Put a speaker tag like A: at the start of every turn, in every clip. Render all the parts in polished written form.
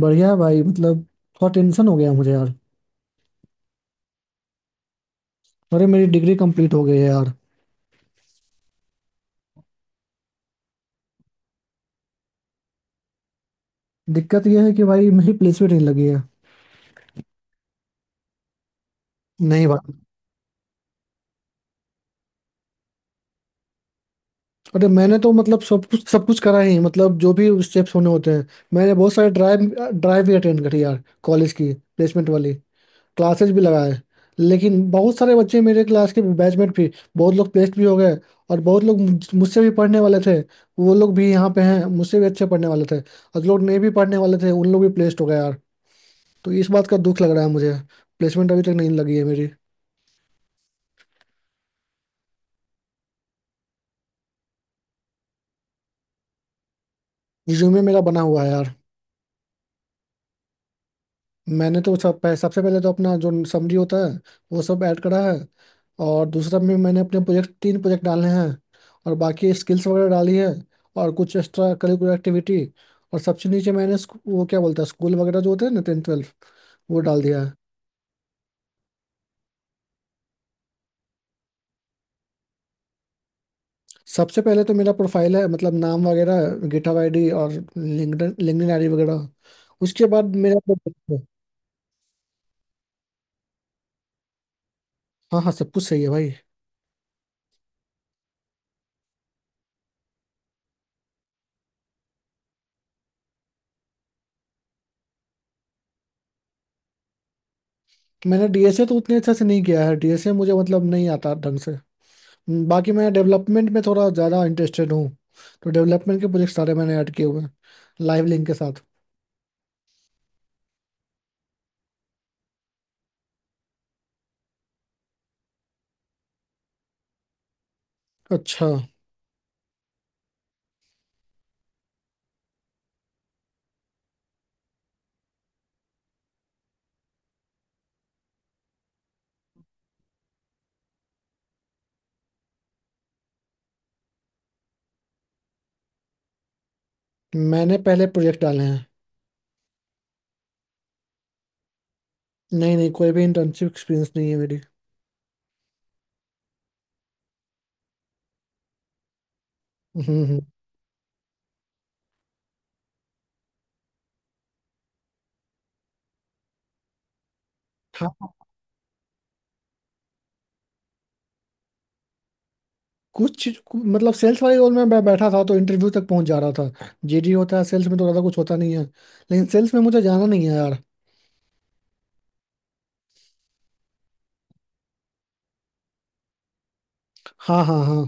A: बढ़िया है भाई। मतलब थोड़ा टेंशन हो गया मुझे यार। अरे मेरी डिग्री कंप्लीट हो गई है यार। दिक्कत यह है कि भाई मेरी प्लेसमेंट नहीं लगी है। नहीं भाई। अरे मैंने तो मतलब सब कुछ करा ही, मतलब जो भी स्टेप्स होने होते हैं। मैंने बहुत सारे ड्राइव ड्राइव भी अटेंड करी यार, कॉलेज की प्लेसमेंट वाली। क्लासेस भी लगाए, लेकिन बहुत सारे बच्चे मेरे क्लास के बैचमेट भी, बहुत लोग प्लेस्ड भी हो गए। और बहुत लोग मुझसे भी पढ़ने वाले थे। वो लोग भी यहाँ पे हैं, मुझसे भी अच्छे पढ़ने वाले थे, और जो लोग नहीं भी पढ़ने वाले थे उन लोग भी प्लेस्ड हो गए यार। तो इस बात का दुख लग रहा है मुझे। प्लेसमेंट अभी तक नहीं लगी है मेरी। रिज्यूमे मेरा बना हुआ है यार। मैंने तो सबसे पहले तो अपना जो समरी होता है वो सब ऐड करा है। और दूसरा में मैंने अपने प्रोजेक्ट, तीन प्रोजेक्ट डाले हैं। और बाकी स्किल्स वगैरह डाली है। और कुछ एक्स्ट्रा करिकुलर एक्टिविटी। और सबसे नीचे मैंने वो क्या बोलता है, स्कूल वगैरह जो होते हैं ना, 10th 12th, वो डाल दिया है। सबसे पहले तो मेरा प्रोफाइल है, मतलब नाम वगैरह, गिटहब आईडी और लिंक्डइन लिंक्डइन आईडी वगैरह। उसके बाद मेरा प्रोजेक्ट है। हाँ हाँ, सब कुछ सही है भाई। मैंने डीएसए तो उतने अच्छे से नहीं किया है, डीएसए मुझे मतलब नहीं आता ढंग से। बाकी मैं डेवलपमेंट में थोड़ा ज़्यादा इंटरेस्टेड हूँ। तो डेवलपमेंट के प्रोजेक्ट सारे मैंने ऐड किए हुए हैं, लाइव लिंक के साथ। अच्छा। मैंने पहले प्रोजेक्ट डाले हैं। नहीं नहीं, कोई भी इंटर्नशिप एक्सपीरियंस नहीं है मेरी। हम्म हम्म हाँ कुछ चीज कु- मतलब सेल्स वाले रोल में मैं बैठा था तो इंटरव्यू तक पहुंच जा रहा था जीडी होता है सेल्स में तो ज़्यादा कुछ होता नहीं है लेकिन सेल्स में मुझे जाना नहीं है यार हाँ हाँ हाँ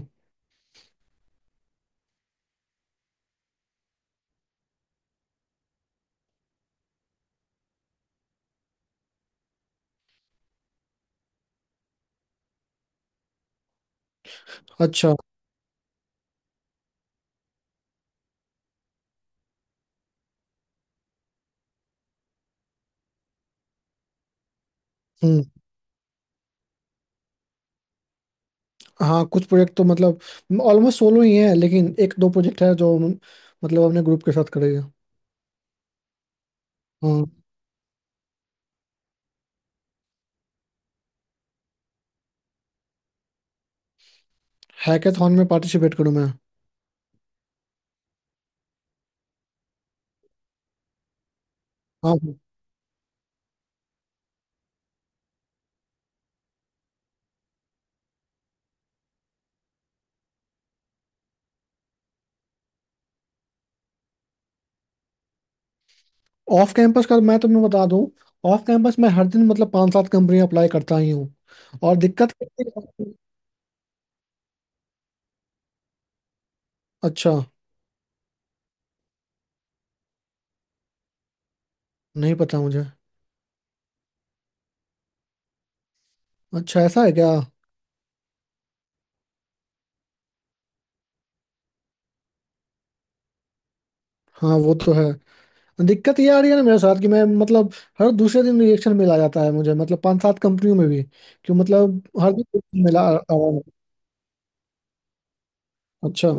A: अच्छा हम्म। हाँ, कुछ प्रोजेक्ट तो मतलब ऑलमोस्ट सोलो ही है, लेकिन एक दो प्रोजेक्ट है जो मतलब अपने ग्रुप के साथ करेंगे। हाँ। हैकाथॉन में पार्टिसिपेट करूँ मैं? हाँ। ऑफ कैंपस का मैं तुम्हें बता दूं। ऑफ कैंपस में हर दिन मतलब पांच सात कंपनी अप्लाई करता ही हूँ। और दिक्कत। अच्छा। नहीं पता मुझे। अच्छा ऐसा है क्या? हाँ, वो तो है। दिक्कत ये आ रही है ना मेरे साथ कि मैं मतलब, हर दूसरे दिन रिएक्शन मिला जाता है मुझे, मतलब पांच सात कंपनियों में भी। क्यों मतलब, हर दिन रिजेक्शन मिला आ रहा है। अच्छा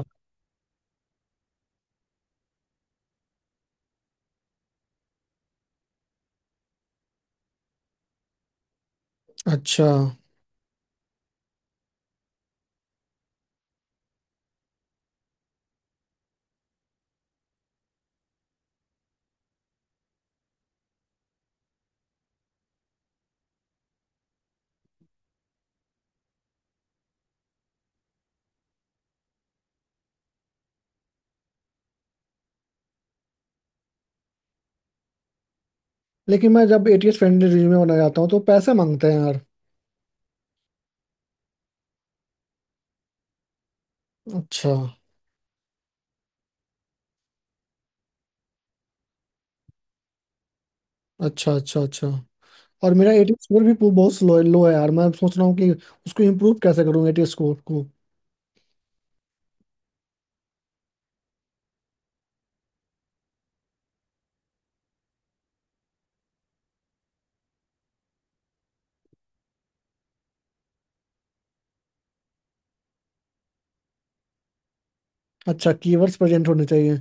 A: अच्छा। लेकिन मैं जब एटीएस फ्रेंडली रिज्यूमे बनाना चाहता हूँ तो पैसे मांगते हैं यार। अच्छा अच्छा अच्छा। अच्छा, और मेरा एटीएस स्कोर भी बहुत स्लो लो है यार। मैं सोच रहा हूँ कि उसको इम्प्रूव कैसे करूँ, एटीएस स्कोर को। अच्छा, कीवर्ड्स प्रेजेंट होने चाहिए।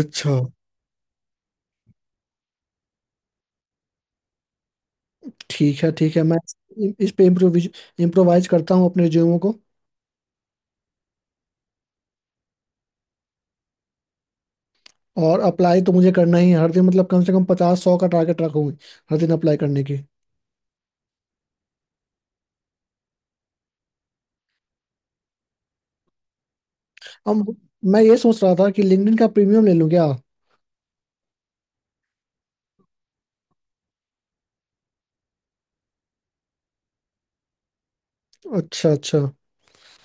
A: अच्छा। ठीक है ठीक है, मैं इस पे इम्प्रोविज इम्प्रोवाइज करता हूँ अपने रिज्यूमो को। और अप्लाई तो मुझे करना ही है हर दिन, मतलब कम से कम पचास सौ का टारगेट रखूंगी, हर दिन अप्लाई करने की। अब मैं ये सोच रहा था कि लिंक्डइन का प्रीमियम ले लूँ क्या? अच्छा अच्छा।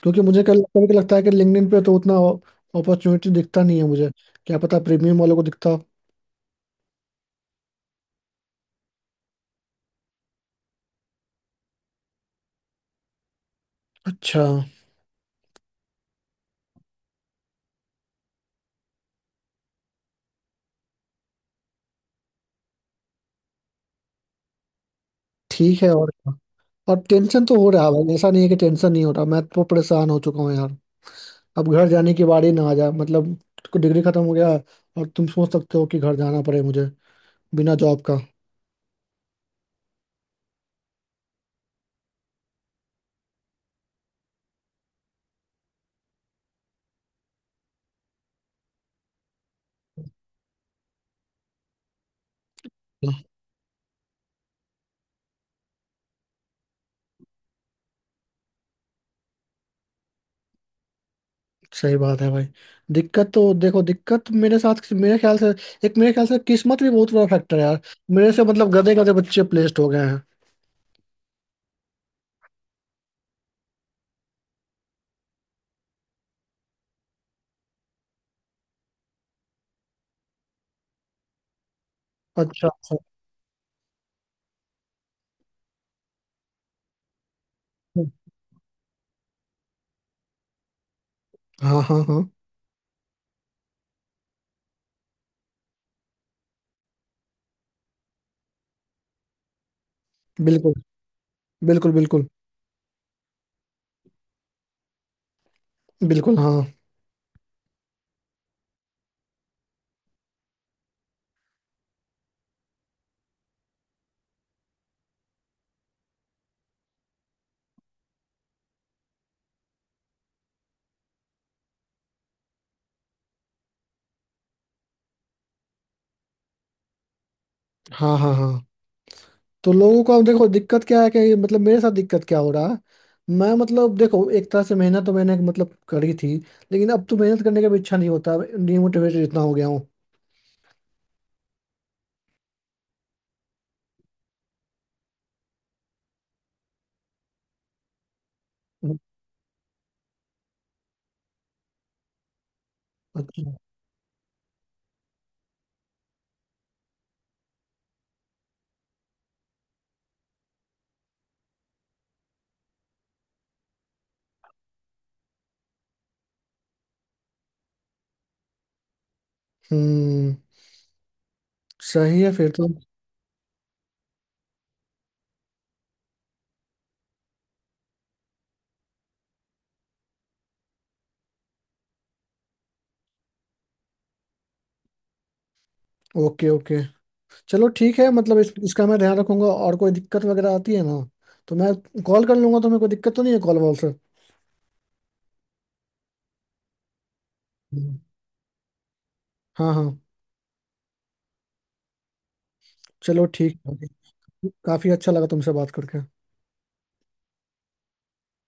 A: क्योंकि मुझे कल कभी कभी लगता है कि लिंक्डइन पे तो उतना अपॉर्चुनिटी दिखता नहीं है मुझे। क्या पता प्रीमियम वालों को दिखता हो। अच्छा। ठीक है, और क्या? और टेंशन तो हो रहा है भाई, ऐसा नहीं है कि टेंशन नहीं हो रहा। मैं तो परेशान हो चुका हूँ यार। अब घर जाने की बारी ना आ जाए मतलब, डिग्री खत्म हो गया, और तुम सोच सकते हो कि घर जाना पड़े मुझे बिना जॉब का। सही बात है भाई। दिक्कत तो देखो, दिक्कत मेरे साथ मेरे ख्याल से, एक मेरे ख्याल से किस्मत भी बहुत बड़ा फैक्टर है यार। मेरे से मतलब गधे गधे बच्चे प्लेस्ड हो गए हैं। अच्छा अच्छा। हाँ हाँ हाँ। बिल्कुल। बिल्कुल बिल्कुल। बिल्कुल हाँ। हाँ हाँ हाँ। तो लोगों को, अब देखो दिक्कत क्या है कि मतलब मेरे साथ दिक्कत क्या हो रहा है। मैं मतलब देखो, एक तरह से मेहनत तो मैंने मतलब करी थी, लेकिन अब तो मेहनत करने का भी इच्छा नहीं होता। डिमोटिवेटेड इतना हो गया हूँ। अच्छा। हम्म। सही है फिर तो। Okay okay. चलो ठीक है, मतलब इसका मैं ध्यान रखूंगा, और कोई दिक्कत वगैरह आती है ना, तो मैं कॉल कर लूंगा तुम्हें। कोई दिक्कत तो नहीं है कॉल वॉल से? हम्म। हाँ हाँ। चलो ठीक है। काफी अच्छा लगा तुमसे बात करके।